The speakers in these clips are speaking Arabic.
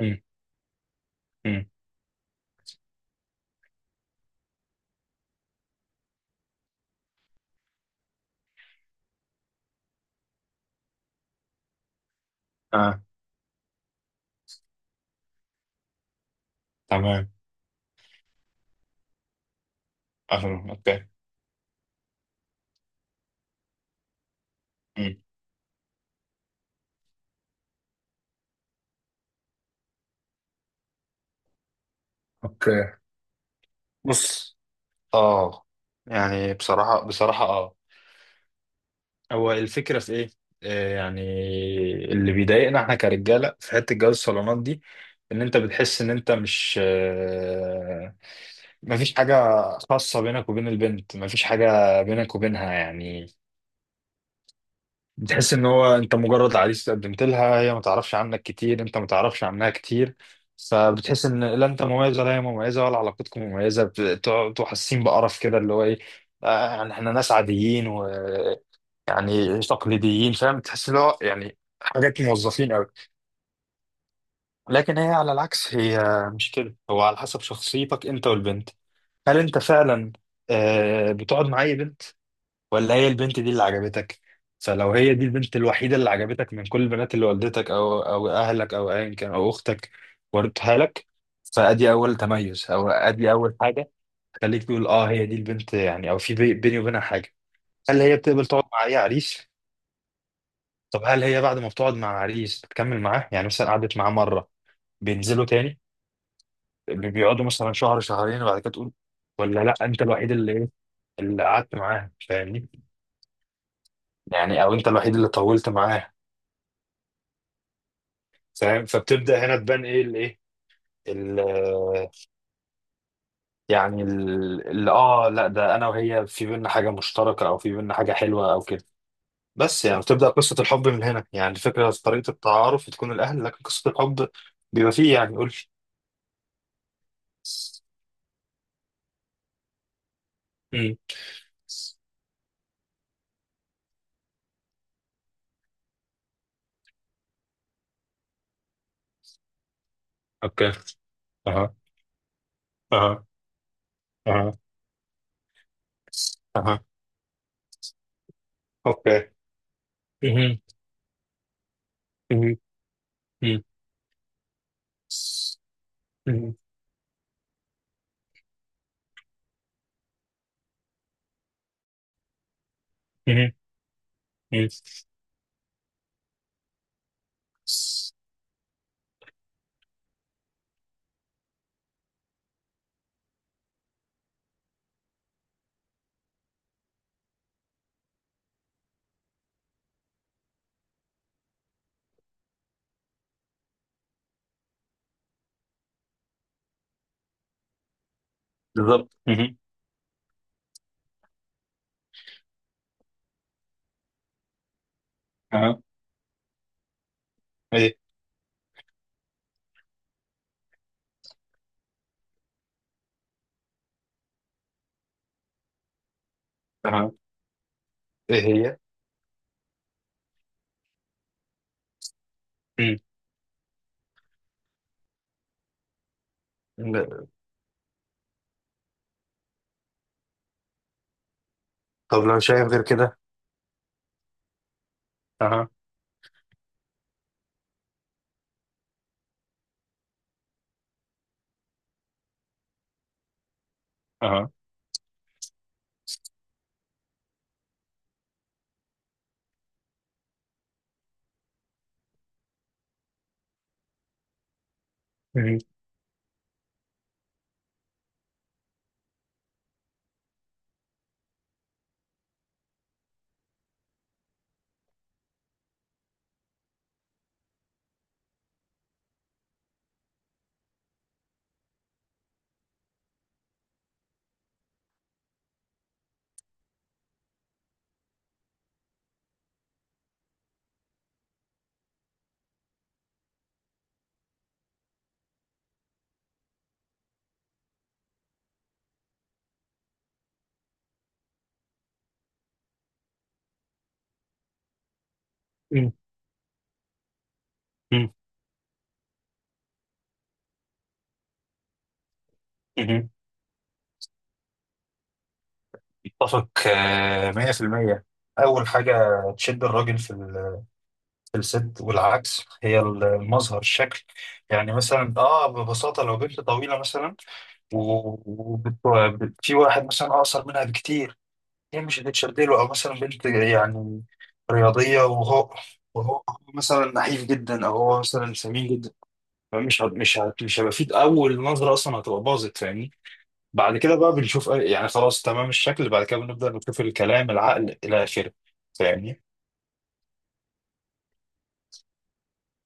امم امم آه، تمام. عشان اوكي. امم اوكي. بص. اه يعني بصراحة بصراحة، هو الفكرة في ايه؟ يعني اللي بيضايقنا احنا كرجالة في حتة جواز الصالونات دي، ان انت بتحس ان انت مش، مفيش حاجة خاصة بينك وبين البنت، مفيش حاجة بينك وبينها يعني. بتحس ان هو انت مجرد عريس قدمت لها، هي ما تعرفش عنك كتير، انت ما تعرفش عنها كتير. فبتحس ان لا انت مميز ولا هي مميزه ولا علاقتكم مميزه، بتبقوا حاسين بقرف كده، اللي هو ايه، يعني احنا ناس عاديين ويعني تقليديين، فاهم، تحس اللي هو يعني حاجات موظفين قوي. لكن هي على العكس، هي مش كده. هو على حسب شخصيتك انت والبنت. هل انت فعلا بتقعد مع اي بنت، ولا هي البنت دي اللي عجبتك؟ فلو هي دي البنت الوحيدة اللي عجبتك من كل البنات اللي والدتك أو أهلك أو أيا كان أو أختك وردتها لك، فأدي أول تميز أو أدي أول حاجة. خليك تقول أه هي دي البنت يعني، أو في بيني وبينها حاجة. هل هي بتقبل تقعد مع أي عريس؟ طب هل هي بعد ما بتقعد مع عريس بتكمل معاه؟ يعني مثلا قعدت معاه مرة، بينزلوا تاني، بيقعدوا مثلا شهر شهرين، وبعد كده تقول ولا لا أنت الوحيد اللي إيه، اللي قعدت معاه، فاهمني؟ يعني أو أنت الوحيد اللي طولت معاه، فاهم. فبتبدا هنا تبان ايه الايه، ال- يعني لا ده انا وهي في بينا حاجه مشتركه او في بينا حاجه حلوه او كده. بس يعني بتبدا قصه الحب من هنا، يعني الفكره في طريقه التعارف تكون الاهل، لكن قصه الحب بيبقى فيه يعني. قول. امم اوكي. اها، اها، اها، اها، اوكي. مهم. مهم. مهم. مهم. مهم. مهم. بالظبط مهم. اها، ايه، اها، ايه هي. مم. طب لو شايف غير كده. اها، اها، مهم. مهم. مهم. مهم. اتفق، 100%. اول حاجه تشد الراجل في في الست والعكس، هي المظهر، الشكل. يعني مثلا ببساطه، لو بنت طويله مثلا و- في واحد مثلا اقصر منها بكتير، هي مش هتتشد له. او مثلا بنت يعني رياضيه وهو مثلا نحيف جدا او هو مثلا سمين جدا، فمش هت- مش هت- مش هيبقى في اول نظره اصلا، هتبقى باظت، فاهمني. بعد كده بقى بنشوف يعني خلاص تمام الشكل، بعد كده بنبدأ نشوف الكلام، العقل، إلى آخره. فاهمني؟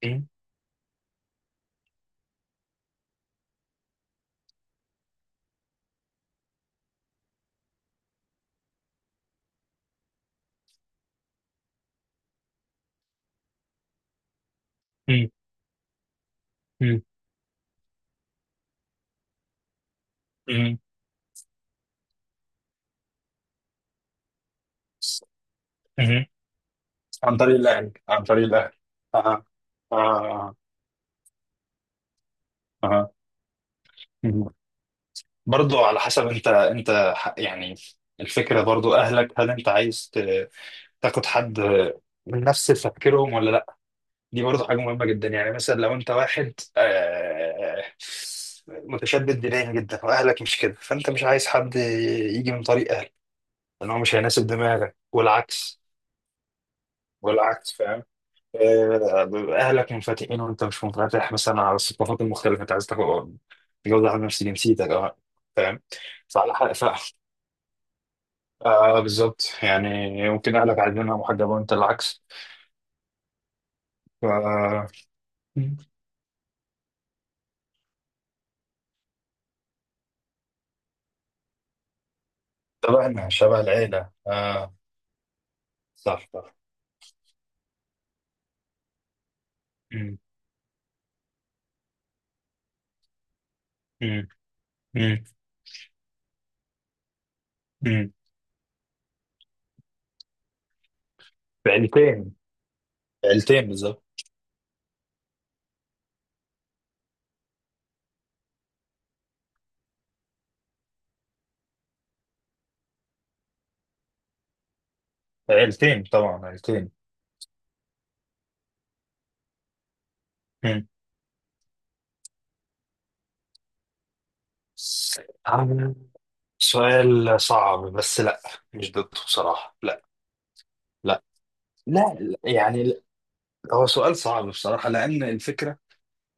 مم. مم. مم. مم. مم. عن طريق الأهل، عن طريق الأهل. أها، أها، أها. مم. برضو على حسب أنت، يعني الفكرة برضو أهلك، هل أنت عايز تاخد حد من نفس تفكيرهم ولا؟ دي برضه حاجة مهمة جدا. يعني مثلا لو أنت واحد متشدد دينيا جدا وأهلك مش كده، فأنت مش عايز حد يجي من طريق أهلك، لأن هو مش هيناسب دماغك والعكس، والعكس، فاهم. أهلك منفتحين وأنت مش منفتح مثلا على الثقافات المختلفة، أنت عايز تاخد، تجوز واحد نفس جنسيتك، أه، فاهم. فعلى حق فعلا. بالظبط يعني، ممكن أهلك عايزينها محجبة وأنت العكس. ف شبهنا، شبه العيلة، اه. صح، صح. مم. مم. مم. بعيلتين عيلتين بالظبط. عيلتين، طبعا عيلتين. مم. عم، سؤال صعب بس. لا، مش ضده بصراحة. لا، لا، لا، لا، يعني لا. هو سؤال صعب بصراحة، لأن الفكرة،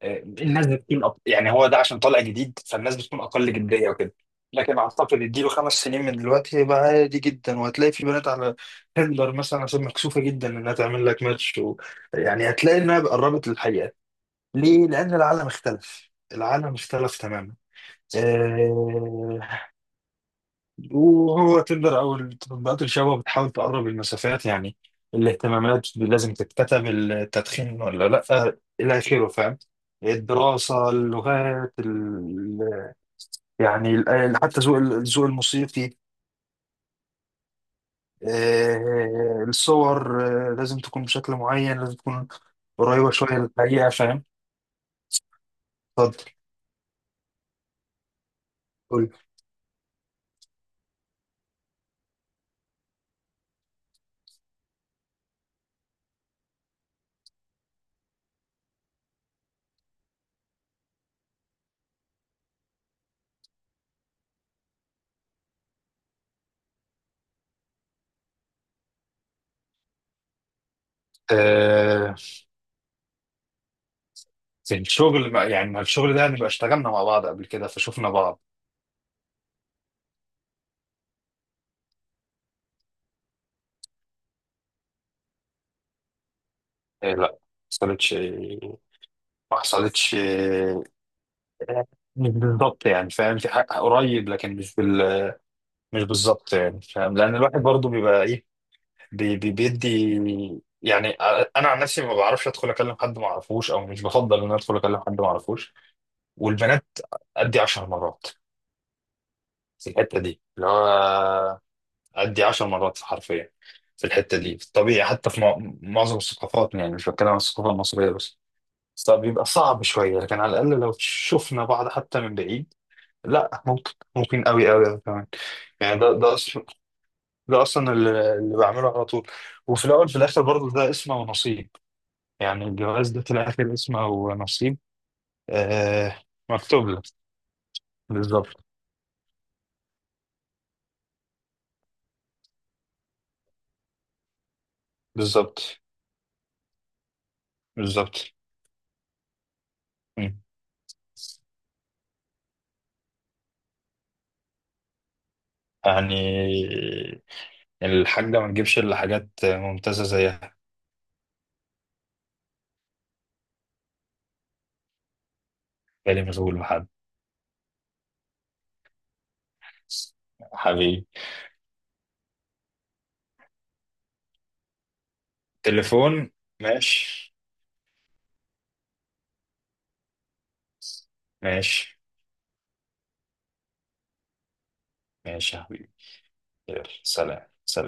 الناس بتكون يعني هو ده عشان طالع جديد، فالناس بتكون أقل جدية وكده. لكن أعتقد اديله 5 سنين من دلوقتي هيبقى عادي جدا، وهتلاقي في بنات على تندر مثلا، عشان مكسوفة جدا إنها تعمل لك ماتش، يعني هتلاقي إنها قربت للحقيقة. ليه؟ لأن العالم اختلف، العالم اختلف تماما. آه، وهو تندر أو التطبيقات، الشباب بتحاول تقرب المسافات، يعني الاهتمامات لازم تتكتب، التدخين ولا لأ، إلى آخره، فاهم. الدراسة، اللغات، يعني حتى ذوق، الذوق الموسيقي، الصور، لازم تكون بشكل معين، لازم تكون قريبة شوية للحقيقة، فاهم. اتفضل. قول. زي الشغل يعني ما الشغل ده نبقى اشتغلنا مع بعض قبل كده فشوفنا بعض. إيه، لا، ما حصلتش. ما حصلتش، إيه، مش بالظبط يعني، فاهم، في حق قريب، لكن مش بالظبط يعني، فاهم، لان الواحد برضه بيبقى ايه، بي بي بيدي يعني. انا عن نفسي ما بعرفش ادخل اكلم حد ما اعرفوش، او مش بفضل ان أنا ادخل اكلم حد ما اعرفوش. والبنات ادي 10 مرات في الحته دي اللي هو، أدي 10 مرات حرفيا في الحتة دي، في الطبيعي حتى في معظم الثقافات، يعني مش بتكلم عن الثقافة المصرية بس، بس بيبقى صعب شوية، لكن على الأقل لو شفنا بعض حتى من بعيد، لا ممكن، ممكن قوي قوي قوي كمان. يعني ده أصلا، ده أصلا اللي بعمله على طول. وفي الأول، في الآخر برضه ده اسمه ونصيب. يعني الجواز ده في الآخر اسمه ونصيب. آه، مكتوب لك. بالظبط، بالظبط، بالظبط. مم. يعني يعني الحاجة ما تجيبش إلا حاجات ممتازة زيها. بالي مشغول بحد. حبيبي. تليفون. ماشي. ماشي، ماشي يا حبيبي. يلا، سلام، سلام.